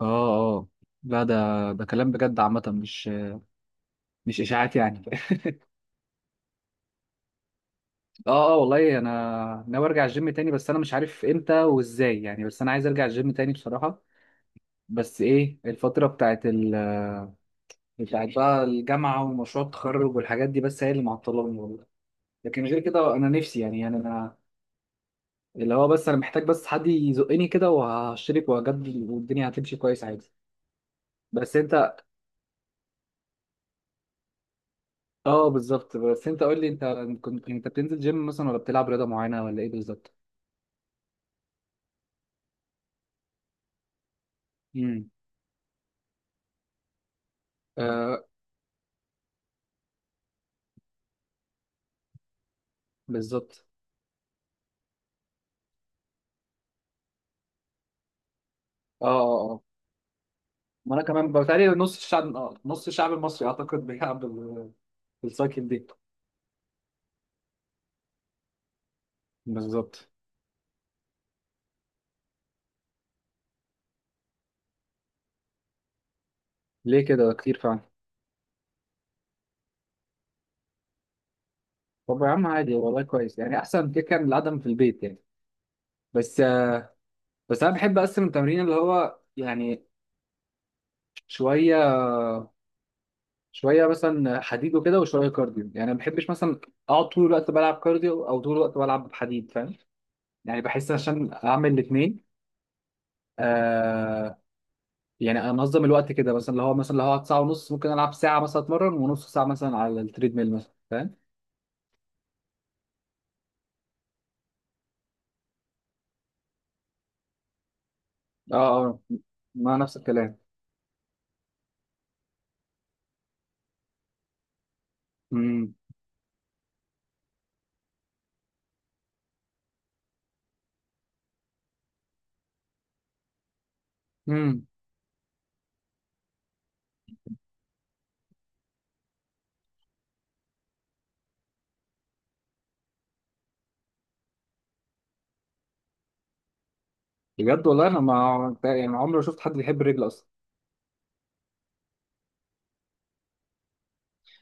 اه اه لا ده ده كلام بجد عامة مش اشاعات يعني. اه اه، والله انا ناوي ارجع الجيم تاني، بس انا مش عارف امتى وازاي يعني، بس انا عايز ارجع الجيم تاني بصراحة. بس ايه الفترة بتاعت بقى الجامعة ومشروع التخرج والحاجات دي، بس هي اللي معطلاني والله. لكن غير كده انا نفسي يعني انا محتاج بس حد يزقني كده وهشترك وهجدد والدنيا هتمشي كويس عادي. بس انت، اه بالظبط. بس انت قول لي انت، كنت انت بتنزل جيم مثلا ولا بتلعب رياضة معينة ولا ايه بالظبط؟ امم آه، بالظبط. اه اه اه، ما انا كمان بتهيألي نص الشعب، آه، نص الشعب المصري اعتقد بيلعب بالسايكل دي. بالظبط. ليه كده كتير فعلا؟ طب يا عم عادي والله، كويس يعني، احسن كده كان العدم في البيت يعني. بس آه، بس انا بحب اقسم التمرين، اللي هو يعني، شويه شويه مثلا حديد وكده وشويه كارديو، يعني ما بحبش مثلا اقعد طول الوقت بلعب كارديو او طول الوقت بلعب حديد، فاهم يعني؟ بحس عشان اعمل الاثنين يعني، انظم الوقت كده، مثلا اللي هو أقعد ساعه ونص، ممكن العب ساعه مثلا اتمرن، ونص ساعه مثلا على التريد ميل مثلا، فاهم؟ اه اه، ما نفس الكلام. امم امم بجد والله، انا ما يعني عمري ما شفت حد بيحب الرجل اصلا.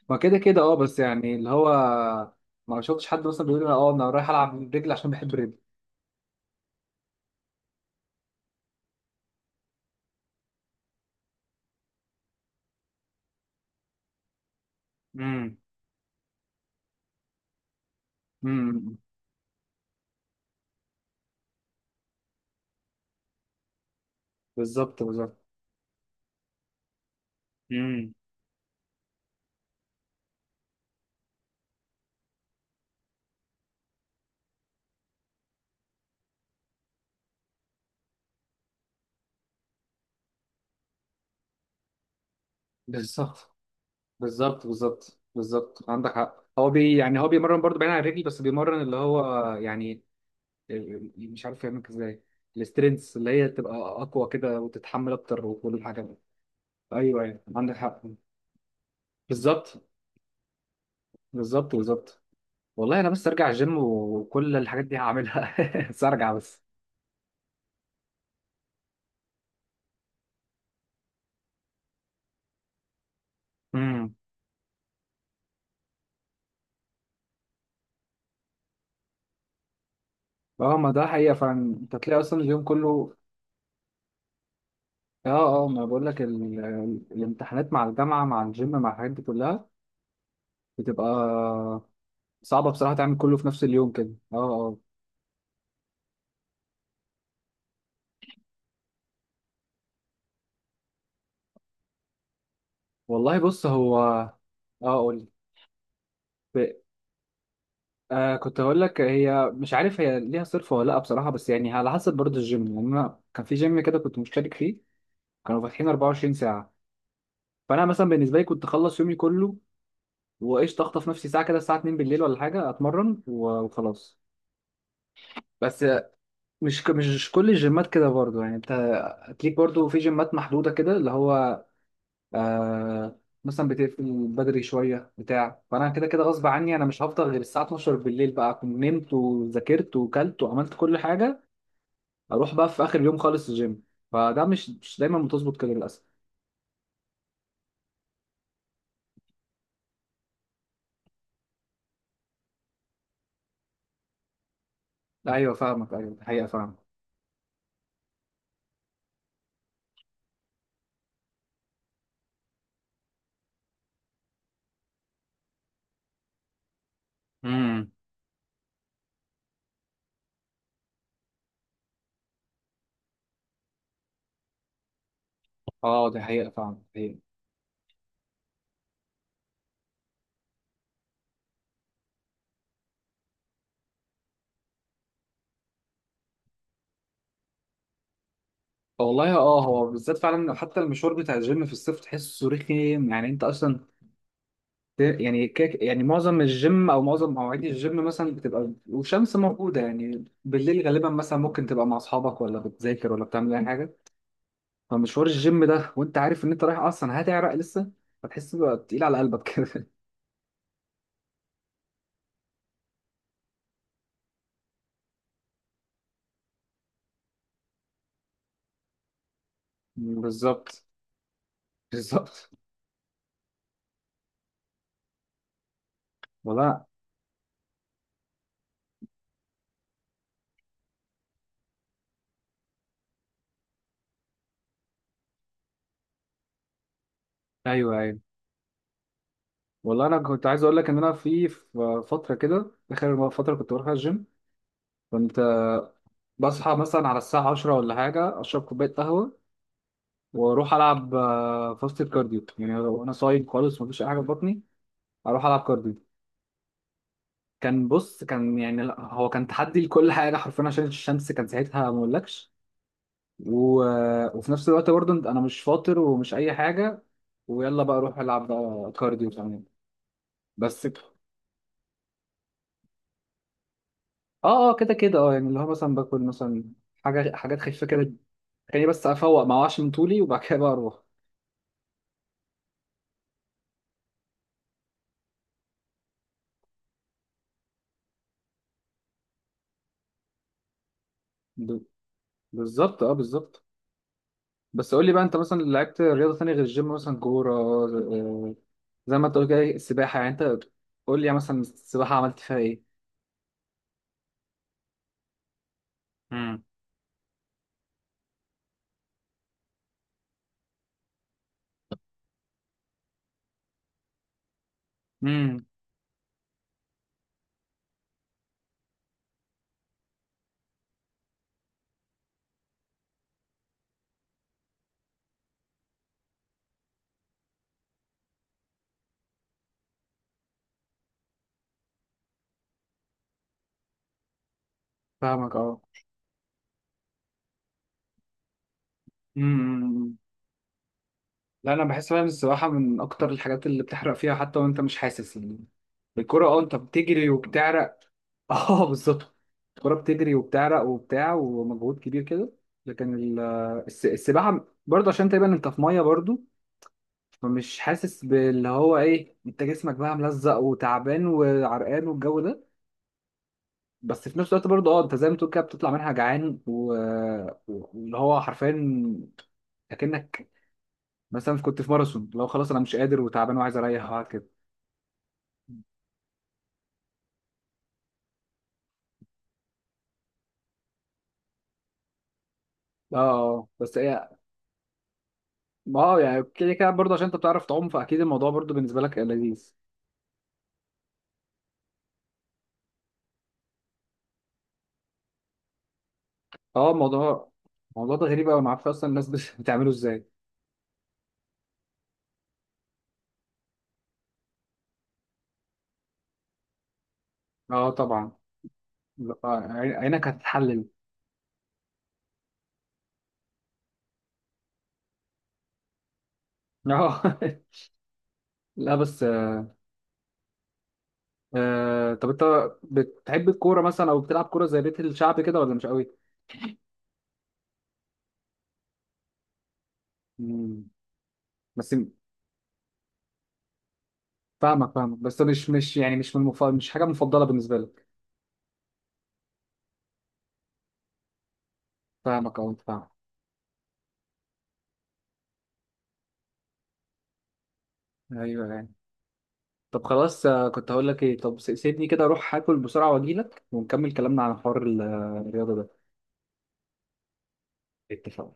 ما كده كده اه، بس يعني اللي هو ما شفتش حد مثلا بيقول لي اه انا رايح العب رجل عشان بحب الرجل. امم امم بالظبط بالظبط. امم بالظبط بالظبط. عندك حق. هو بي يعني، هو بيمرن برضه بعيد عن الرجل، بس بيمرن اللي هو يعني، يعني مش عارف يعملك ازاي، السترينث، اللي هي تبقى اقوى كده وتتحمل اكتر وكل الحاجات دي. ايوه ايوه، عندك حق. بالظبط بالظبط. والله انا بس ارجع الجيم وكل الحاجات دي هعملها. بس ارجع بس. امم اه، ما ده حقيقه فعلا. انت تلاقي اصلا اليوم كله، اه اه، ما بقول لك الامتحانات مع الجامعه مع الجيم مع الحاجات دي كلها، بتبقى صعبه بصراحه تعمل كله في نفس اليوم كده، اه اه. والله بص هو، اه قول. آه كنت هقول لك، هي مش عارف هي ليها صرف ولا لا بصراحه، بس يعني على حسب برضه الجيم يعني، انا كان في جيم كده كنت مشترك فيه كانوا فاتحين 24 ساعه. فانا مثلا بالنسبه لي كنت اخلص يومي كله وايش اخطف نفسي ساعه كده الساعه 2 بالليل ولا حاجه اتمرن وخلاص. بس مش كل الجيمات كده برضه، يعني انت هتليك برضه في جيمات محدوده كده اللي هو آه مثلا بتقفل بدري شويه بتاع، فانا كده كده غصب عني انا مش هفضل غير الساعه 12 بالليل بقى، اكون نمت وذاكرت وكلت وعملت كل حاجه، اروح بقى في اخر يوم خالص الجيم. فده مش دايما بتظبط كده للاسف. لا ايوه، فاهمك ايوه، دي حقيقه فاهمك. امم اه دي حقيقه، فاهمك دي حقيقه. والله اه، هو بالذات فعلا حتى المشوار بتاع الجيم في الصيف تحسه رخيم يعني، انت اصلا يعني كيك يعني، معظم الجيم او معظم مواعيد الجيم مثلا بتبقى والشمس موجوده يعني، بالليل غالبا مثلا ممكن تبقى مع اصحابك ولا بتذاكر ولا بتعمل اي حاجه، فمشوار الجيم ده وانت عارف ان انت رايح اصلا هتعرق لسه، فتحس بقى تقيل على قلبك كده. بالظبط بالظبط. والله ايوه ايوه. والله انا كنت عايز اقول لك ان انا في فتره كده اخر فتره كنت بروح الجيم، كنت آه، بصحى مثلا على الساعه 10 ولا حاجه، اشرب كوبايه قهوه واروح العب آه، فاست كارديو، يعني لو انا صايم خالص مفيش اي حاجه في بطني، اروح العب كارديو. كان بص كان يعني لا، هو كان تحدي لكل حاجه حرفيا عشان الشمس كان ساعتها ما اقولكش. و... وفي نفس الوقت برضه انا مش فاطر ومش اي حاجه، ويلا بقى اروح العب بقى كارديو كمان. بس اه اه كده كده اه، يعني اللي هو مثلا باكل مثلا حاجات خفيفة كده، خليني بس افوق ما اوعش من طولي وبعد كده بقى اروح. ب- بالظبط اه بالظبط. بس قول لي بقى انت، مثلا لعبت رياضة تانية غير الجيم، مثلا كورة آه، زي ما انت قلت كده السباحة يعني، انت قول لي مثلا السباحة عملت فيها ايه؟ امم امم فاهمك اه. امم لا انا بحس فعلا السباحه من اكتر الحاجات اللي بتحرق فيها حتى وانت مش حاسس يعني. الكوره اه، انت بتجري وبتعرق. اه بالظبط، الكوره بتجري وبتعرق وبتاع ومجهود كبير كده، لكن السباحه برضه عشان تقريبا انت في ميه برضه، فمش حاسس باللي هو ايه، انت جسمك بقى ملزق وتعبان وعرقان والجو ده. بس في نفس الوقت برضه اه انت زي ما تقول كده بتطلع منها جعان، واللي هو حرفيا اكنك مثلا كنت في ماراثون، لو خلاص انا مش قادر وتعبان وعايز اريح وقعد كده. اه اه، بس هي ما هو يعني كده كده برضه، عشان انت بتعرف تعوم فاكيد الموضوع برضه بالنسبه لك لذيذ. اه، الموضوع ده غريب قوي، ما اعرفش اصلا الناس بتعمله ازاي. اه طبعا، لا، آه، عينك هتتحلل. اه. لا بس آه، طب انت بتحب الكوره مثلا او بتلعب كوره زي بيت الشعب كده ولا مش قوي؟ مم. بس فاهمك فاهمك، بس مش يعني مش من مش حاجه مفضله بالنسبه لك. فاهمك اه فاهمك. ايوه يعني. طب خلاص آه، كنت هقول لك ايه، طب سيبني كده اروح هاكل بسرعة واجيلك ونكمل كلامنا عن حوار الرياضة ده. اتفقنا.